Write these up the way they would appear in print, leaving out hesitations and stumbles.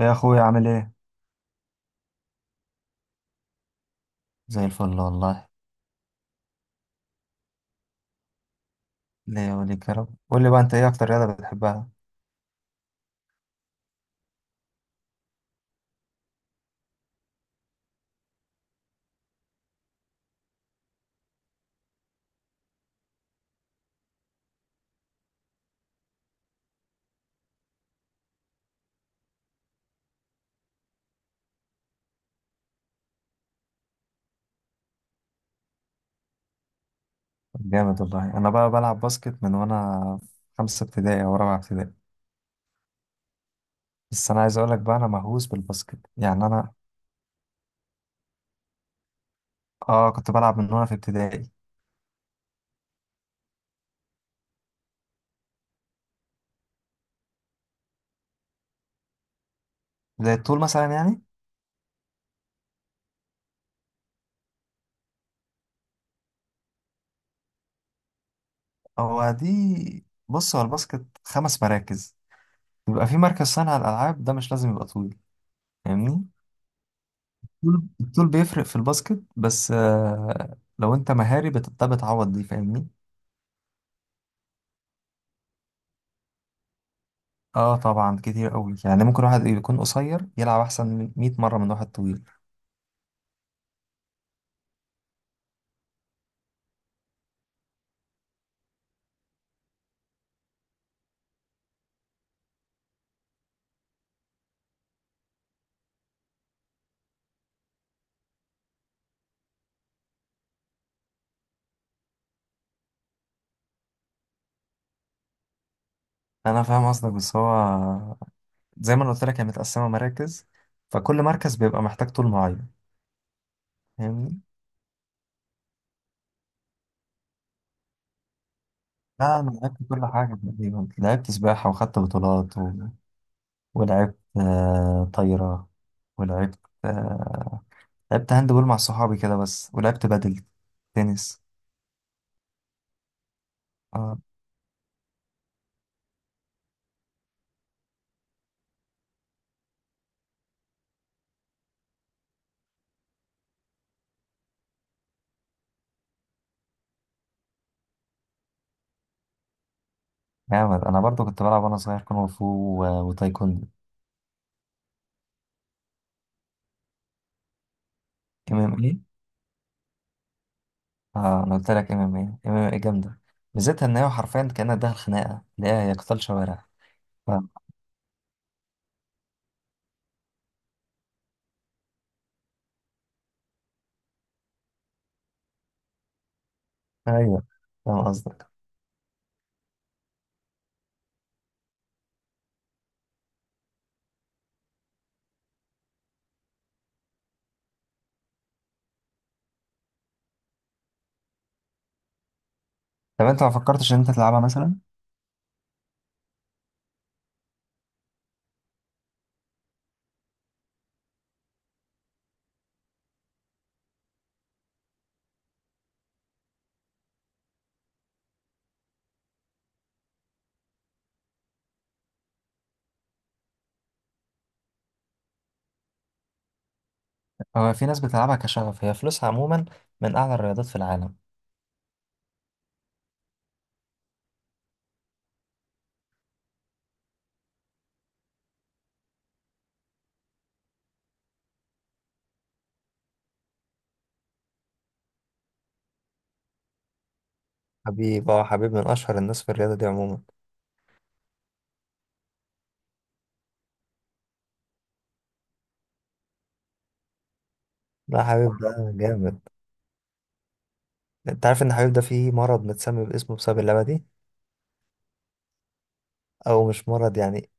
يا اخويا عامل ايه؟ زي الفل والله. ليه وليك يا رب. قول لي بقى، انت ايه اكتر رياضه بتحبها؟ جامد والله. انا بقى بلعب باسكت من وانا في خمسه ابتدائي او رابعه ابتدائي. بس انا عايز اقول لك بقى، انا مهووس بالباسكت. يعني انا اه كنت بلعب من وانا في ابتدائي. زي الطول مثلا يعني. هو دي بص، هو الباسكت خمس مراكز. يبقى في مركز صانع الالعاب، ده مش لازم يبقى طويل. فاهمني؟ الطول بيفرق في الباسكت، بس لو انت مهاري ده بتعوض دي. فاهمني؟ اه طبعا، كتير قوي. يعني ممكن واحد يكون قصير يلعب احسن من 100 مره من واحد طويل. انا فاهم قصدك، بس هو زي ما أنا قلت لك، هي متقسمه مراكز، فكل مركز بيبقى محتاج طول معين. فاهمني؟ لا انا لعبت كل حاجه تقريبا. لعبت سباحه وخدت بطولات و... ولعبت طايره، ولعبت، آه لعبت هاند بول مع صحابي كده بس، ولعبت بدل تنس. اه جامد. انا برضو كنت بلعب وانا صغير كونغ فو وتايكوندو. ام ام إيه؟ اه انا قلت لك ام ام اي. ام ام اي جامده. ميزتها ان هي حرفيا كانها داخل خناقه، اللي هي هي قتال شوارع. ف- ايوه، فاهم قصدك. طب انت ما فكرتش ان انت تلعبها مثلا؟ هو في ناس بتلعبها كشغف. هي فلوسها عموما من اعلى الرياضات في العالم. حبيب، اه، حبيب من اشهر الناس في الرياضه دي عموما. لا، حبيب ده جامد. انت عارف ان حبيب ده فيه مرض متسمي باسمه بسبب اللعبه دي؟ او مش مرض يعني.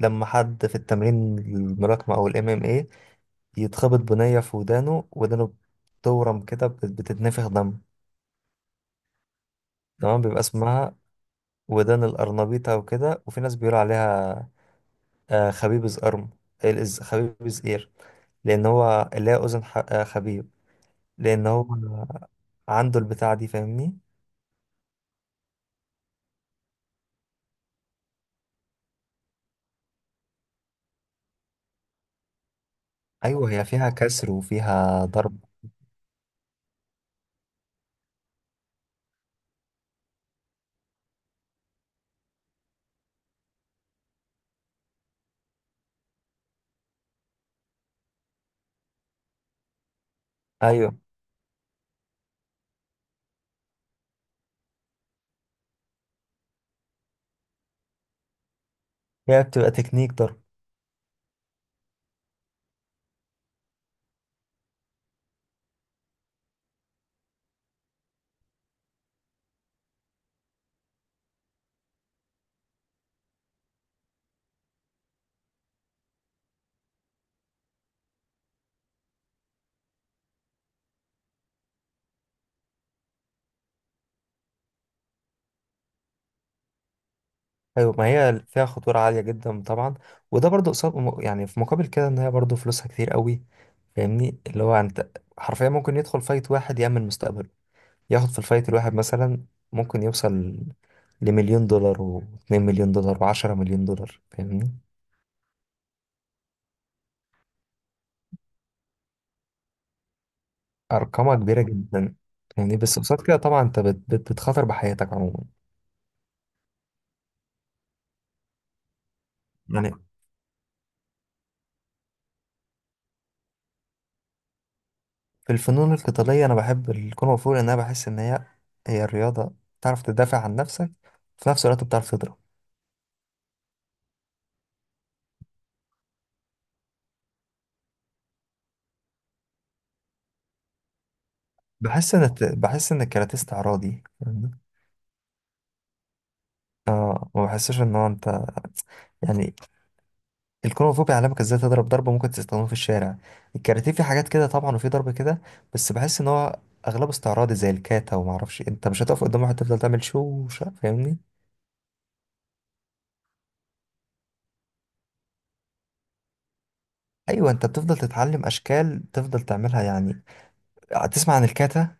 لما حد في التمرين، الملاكمه او الام ام اي، يتخبط بنيه في ودانه، ودانه بتورم كده، بتتنفخ دم. تمام، بيبقى اسمها ودان الأرنبيطة، وكده. وفي ناس بيقولوا عليها خبيب زقرم، خبيب زقير، لأن هو اللي هي أذن خبيب. لأن هو عنده البتاعة دي. فاهمني؟ أيوه، هي فيها كسر وفيها ضرب. أيوه، هي بتبقى تكنيك ضرب. أيوه، ما هي فيها خطورة عالية جدا طبعا. وده برضه قصاد، يعني في مقابل كده إن هي برضه فلوسها كتير قوي. فاهمني؟ اللي هو أنت حرفيا ممكن يدخل فايت واحد يأمن مستقبله. ياخد في الفايت الواحد مثلا، ممكن يوصل لمليون دولار واتنين مليون دولار وعشرة مليون دولار. فاهمني؟ أرقامها كبيرة جدا. فاهمني؟ بس قصاد كده طبعا أنت بت بت بتخاطر بحياتك عموما. يعني في الفنون القتالية أنا بحب الكونغ فو، لأن أنا بحس إن هي هي الرياضة بتعرف تدافع عن نفسك، في نفس الوقت بتعرف تضرب. بحس إن الكاراتيه استعراضي. فاهمني؟ آه، ما بحسش إن هو أنت، يعني الكونغ فو بيعلمك ازاي تضرب ضربة ممكن تستخدمه في الشارع. الكاراتيه في حاجات كده طبعا وفي ضرب كده، بس بحس ان هو اغلبه استعراضي، زي الكاتا وما اعرفش إيه. انت مش هتقف قدام واحد تفضل تعمل فاهمني. ايوه، انت بتفضل تتعلم اشكال تفضل تعملها يعني. هتسمع عن الكاتا؟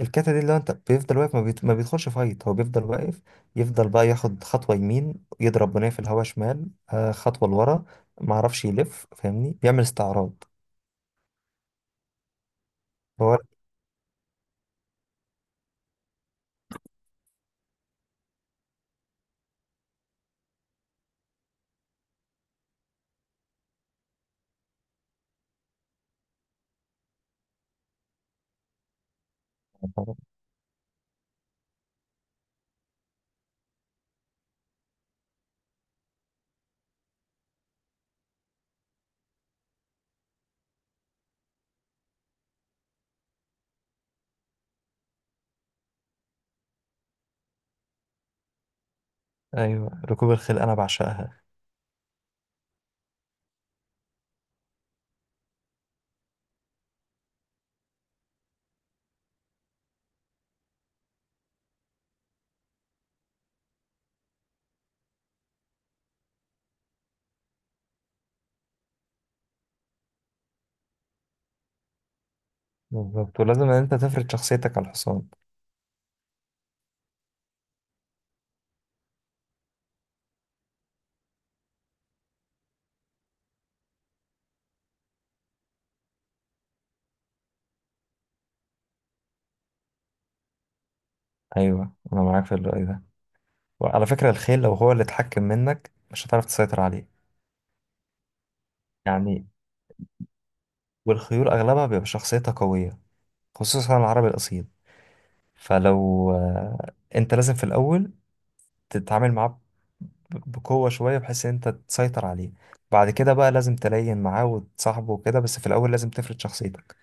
الكاتا دي، اللي هو انت بيفضل واقف، ما بيدخلش فايت، هو بيفضل واقف، يفضل بقى ياخد خطوة يمين، يضرب بنيه في الهواء شمال، خطوة لورا، ما اعرفش يلف. فاهمني؟ بيعمل استعراض هو. ايوه ركوب الخيل انا بعشقها. بالظبط، ولازم ان انت تفرض شخصيتك على الحصان. ايوه، انا معاك في الرأي ده. وعلى فكرة، الخيل لو هو اللي اتحكم منك مش هتعرف تسيطر عليه يعني. والخيول اغلبها بيبقى شخصيتها قوية، خصوصا العربي الاصيل. فلو انت لازم في الاول تتعامل معاه بقوة شوية، بحيث ان انت تسيطر عليه. بعد كده بقى لازم تلين معاه وتصاحبه وكده، بس في الاول لازم تفرض شخصيتك.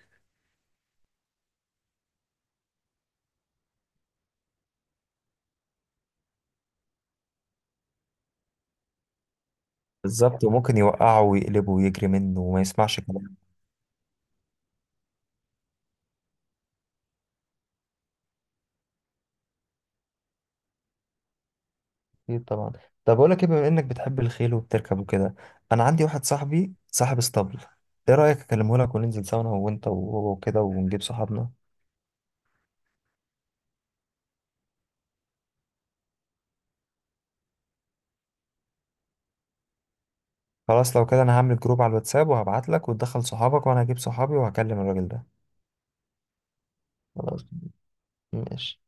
بالظبط، وممكن يوقعه ويقلبه ويجري منه وما يسمعش. اكيد طبعا. طب اقول لك ايه، بما انك بتحب الخيل وبتركب وكده، انا عندي واحد صاحبي صاحب اسطبل، ايه رايك اكلمه لك وننزل سوا انا وانت وهو وكده، ونجيب صحابنا؟ خلاص لو كده، انا هعمل جروب على الواتساب وهبعت لك وتدخل صحابك، وانا هجيب صحابي وهكلم الراجل ده. خلاص ماشي.